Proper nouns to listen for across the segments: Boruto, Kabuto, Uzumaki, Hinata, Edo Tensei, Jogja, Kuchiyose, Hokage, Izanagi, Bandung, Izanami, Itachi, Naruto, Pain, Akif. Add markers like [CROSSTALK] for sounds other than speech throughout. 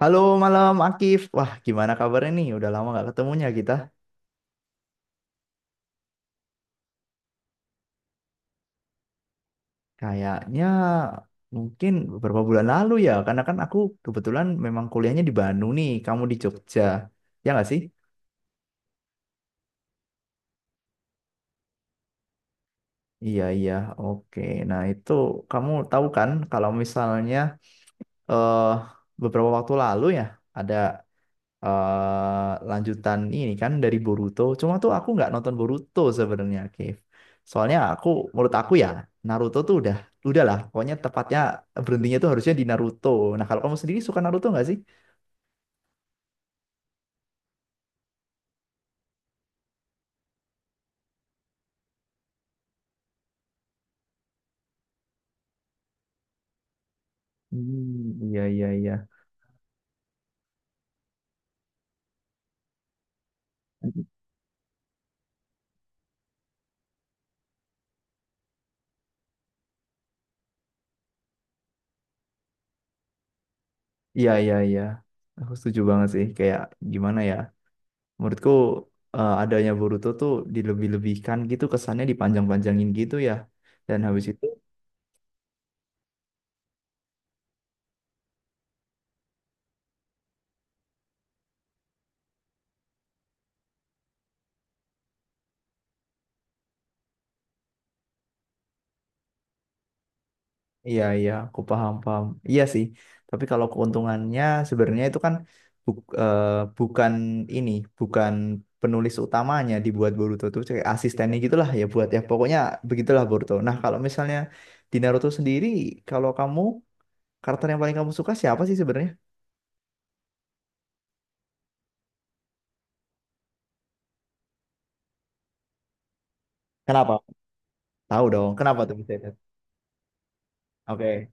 Halo malam Akif, wah gimana kabarnya nih? Udah lama gak ketemunya kita. Kayaknya mungkin beberapa bulan lalu ya, karena kan aku kebetulan memang kuliahnya di Bandung nih, kamu di Jogja, ya nggak sih? Iya iya, oke. Nah itu kamu tahu kan kalau misalnya eh beberapa waktu lalu ya ada lanjutan ini kan dari Boruto. Cuma tuh aku nggak nonton Boruto sebenarnya, Kev. Soalnya aku, menurut aku ya, Naruto tuh udah lah. Pokoknya tepatnya berhentinya tuh harusnya di Naruto. Nah kalau kamu sendiri suka Naruto nggak sih? Hmm, iya iya iya iya iya iya. Aku setuju banget sih. Kayak gimana ya? Menurutku adanya Boruto tuh dilebih-lebihkan gitu kesannya dipanjang-panjangin gitu ya. Dan habis itu. Iya, iya, aku paham, paham. Iya sih, tapi kalau keuntungannya sebenarnya itu kan buk- eh, bukan ini, bukan penulis utamanya dibuat Boruto tuh kayak asistennya gitulah ya buat ya pokoknya begitulah Boruto. Nah, kalau misalnya di Naruto sendiri, kalau kamu karakter yang paling kamu suka siapa sih sebenarnya? Kenapa? Tahu dong, kenapa tuh bisa itu? Oke.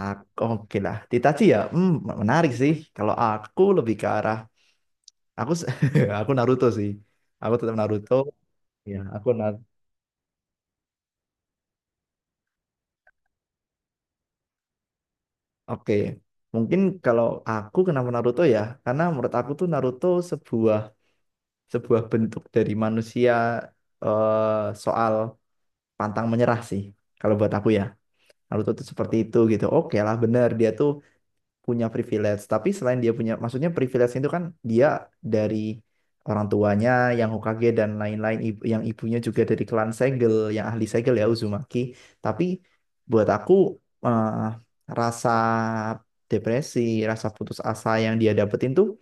Aku, oke lah, Itachi ya, hmm, menarik sih. Kalau aku lebih ke arah, aku, se- [LAUGHS] aku Naruto sih. Aku tetap Naruto. Ya, aku. Oke, mungkin kalau aku kenapa Naruto ya, karena menurut aku tuh Naruto sebuah sebuah bentuk dari manusia soal pantang menyerah sih. Kalau buat aku ya, Naruto tuh seperti itu gitu. Oke lah, bener dia tuh punya privilege. Tapi selain dia punya, maksudnya privilege itu kan dia dari orang tuanya yang Hokage dan lain-lain, yang ibunya juga dari klan segel, yang ahli segel ya Uzumaki. Tapi buat aku eh, rasa depresi, rasa putus asa yang dia dapetin tuh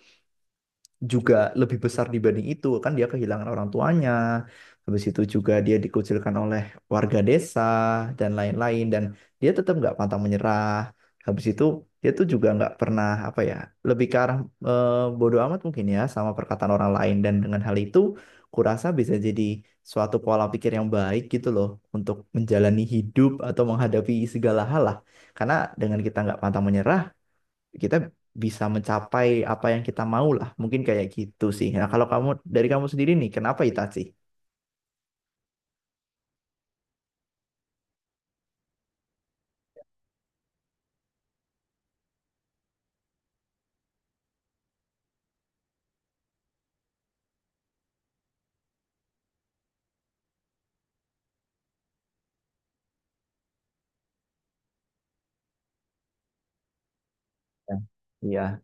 juga lebih besar dibanding itu kan dia kehilangan orang tuanya, habis itu juga dia dikucilkan oleh warga desa dan lain-lain, dan dia tetap nggak pantang menyerah. Habis itu dia tuh juga nggak pernah apa ya, lebih ke arah eh, bodoh amat mungkin ya sama perkataan orang lain, dan dengan hal itu kurasa bisa jadi suatu pola pikir yang baik gitu loh untuk menjalani hidup atau menghadapi segala hal lah, karena dengan kita nggak pantang menyerah kita bisa mencapai apa yang kita mau lah. Mungkin kayak gitu sih. Nah, kalau kamu dari kamu sendiri nih, kenapa Itachi? Ya, iya,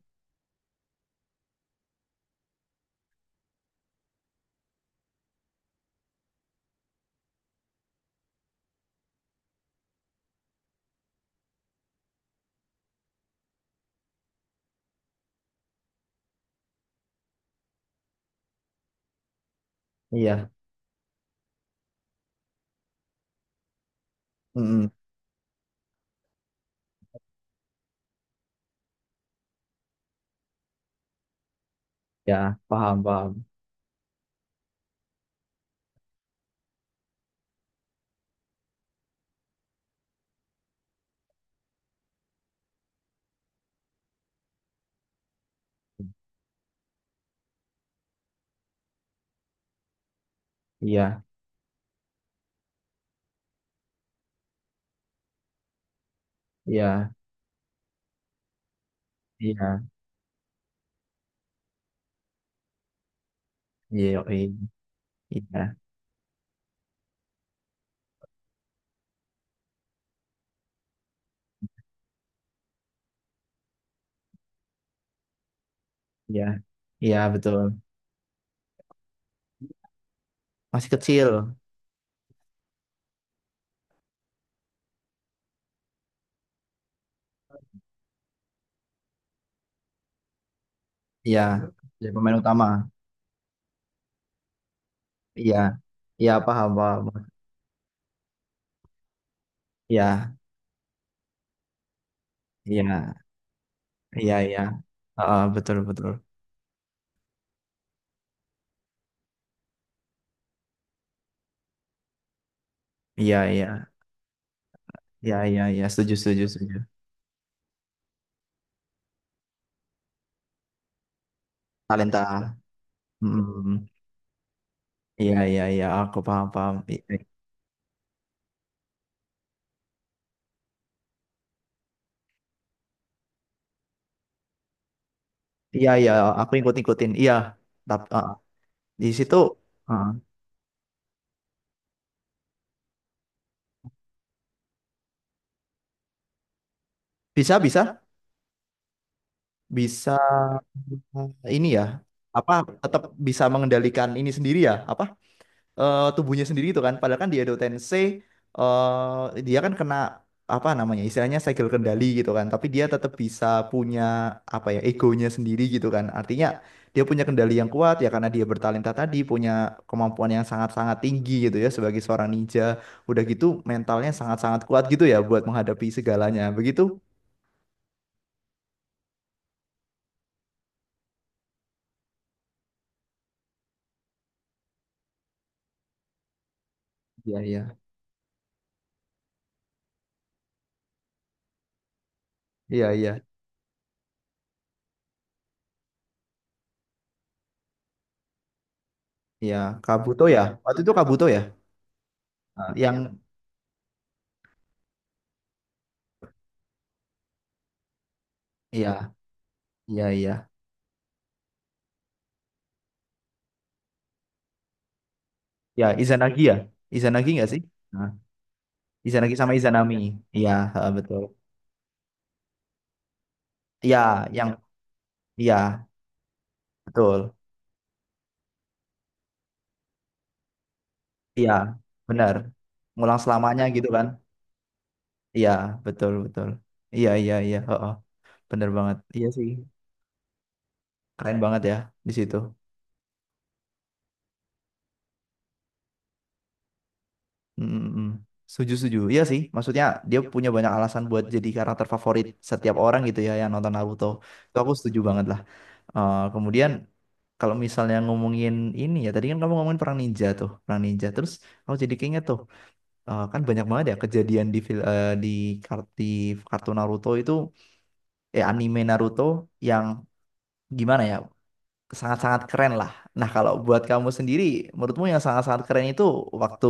iya, mm-mm, ya, paham, paham. Iya, iya, iya, iya, yoi. Iya, iya, iya, betul. Masih kecil, iya, jadi pemain utama, iya, iya, paham, paham, iya, iya, iya, iya, heeh, betul, betul, iya, iya, iya, iya, iya, setuju, setuju, setuju. Talenta, mm-mm. Iya, iya, iya, aku paham, paham. Iya, iya, aku ikut-ikutin. Iya, tapi di situ uh, bisa, bisa, bisa ini ya, apa tetap bisa mengendalikan ini sendiri ya? Apa tubuhnya sendiri itu kan. Padahal kan di Edo Tensei dia kan kena apa namanya istilahnya segel kendali gitu kan. Tapi dia tetap bisa punya apa ya egonya sendiri gitu kan. Artinya dia punya kendali yang kuat ya karena dia bertalenta tadi, punya kemampuan yang sangat-sangat tinggi gitu ya sebagai seorang ninja. Udah gitu mentalnya sangat-sangat kuat gitu ya buat menghadapi segalanya. Begitu? Iya iya iya iya iya. Kabuto ya. Waktu itu Kabuto ya. Yang iya iya iya. Ya. Izanagi nggak sih? Izanagi sama Izanami. Iya, heeh, betul. Iya, yang iya, betul. Iya, benar. Ngulang selamanya gitu kan. Iya, betul, betul. Iya, iya, iya, heeh. Bener banget. Iya sih. Keren banget ya di situ. Mm-mm. Setuju, setuju. Iya sih, maksudnya dia punya banyak alasan buat jadi karakter favorit setiap orang gitu ya yang nonton Naruto. Itu aku setuju banget lah. Kemudian kalau misalnya ngomongin ini ya, tadi kan kamu ngomongin perang ninja tuh, perang ninja. Terus aku jadi keinget tuh. Kan banyak banget ya kejadian di kar- di kartu Naruto itu, anime Naruto, yang gimana ya sangat-sangat keren lah. Nah kalau buat kamu sendiri, menurutmu yang sangat-sangat keren itu waktu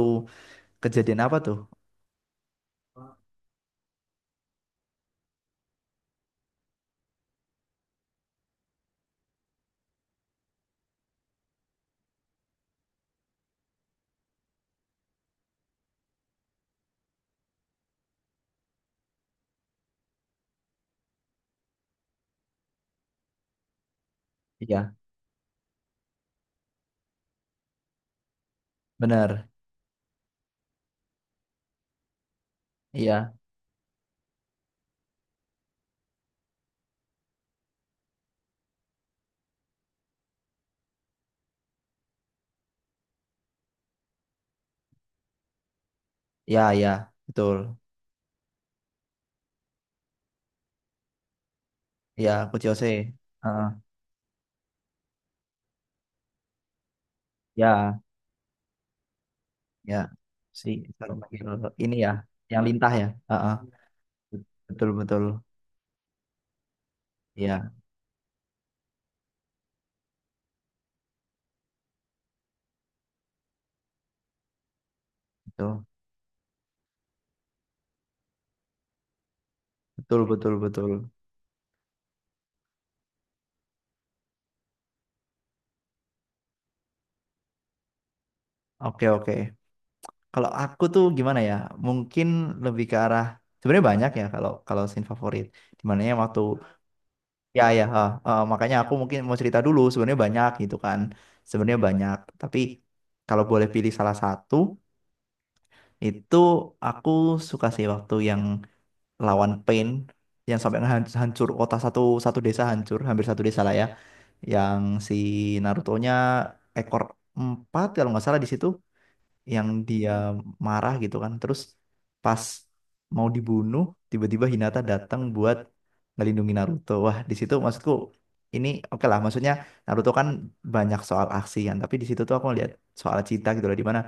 kejadian apa tuh? Iya, bener. Iya, ya, ya, betul. Iya, Kuchiyose. Heeh. Ya, ya. Si kalau panggil ini ya, yang lintah ya. Heeh. Betul, betul. Iya, betul, betul, betul, betul. Oke, oke. Kalau aku tuh gimana ya? Mungkin lebih ke arah, sebenarnya banyak ya kalau kalau scene favorit. Dimana ya waktu, ya ya ha, ha, makanya aku mungkin mau cerita dulu, sebenarnya banyak gitu kan. Sebenarnya banyak, tapi kalau boleh pilih salah satu itu, aku suka sih waktu yang lawan Pain, yang sampai hancur kota, satu satu desa hancur, hampir satu desa lah ya. Yang si Naruto-nya ekor empat kalau nggak salah di situ, yang dia marah gitu kan. Terus pas mau dibunuh, tiba-tiba Hinata datang buat ngelindungi Naruto. Wah, di situ maksudku ini oke lah, maksudnya Naruto kan banyak soal aksi kan, tapi di situ tuh aku lihat soal cinta gitu loh, di mana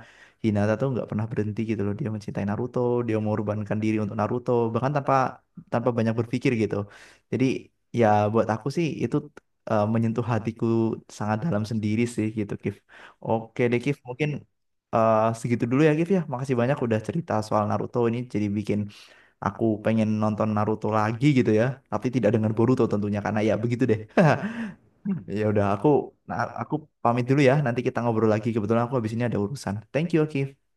Hinata tuh nggak pernah berhenti gitu loh, dia mencintai Naruto, dia mengorbankan diri untuk Naruto, bahkan tanpa tanpa banyak berpikir gitu. Jadi ya buat aku sih itu menyentuh hatiku sangat dalam sendiri sih gitu, Kif. Oke deh, Kif, mungkin. Segitu dulu ya Gif ya. Makasih banyak udah cerita soal Naruto ini, jadi bikin aku pengen nonton Naruto lagi gitu ya. Tapi tidak dengan Boruto tentunya, karena ya begitu deh. [LAUGHS] Ya udah, aku. Nah, aku pamit dulu ya. Nanti kita ngobrol lagi. Kebetulan aku habis ini ada urusan. Thank you, Gif.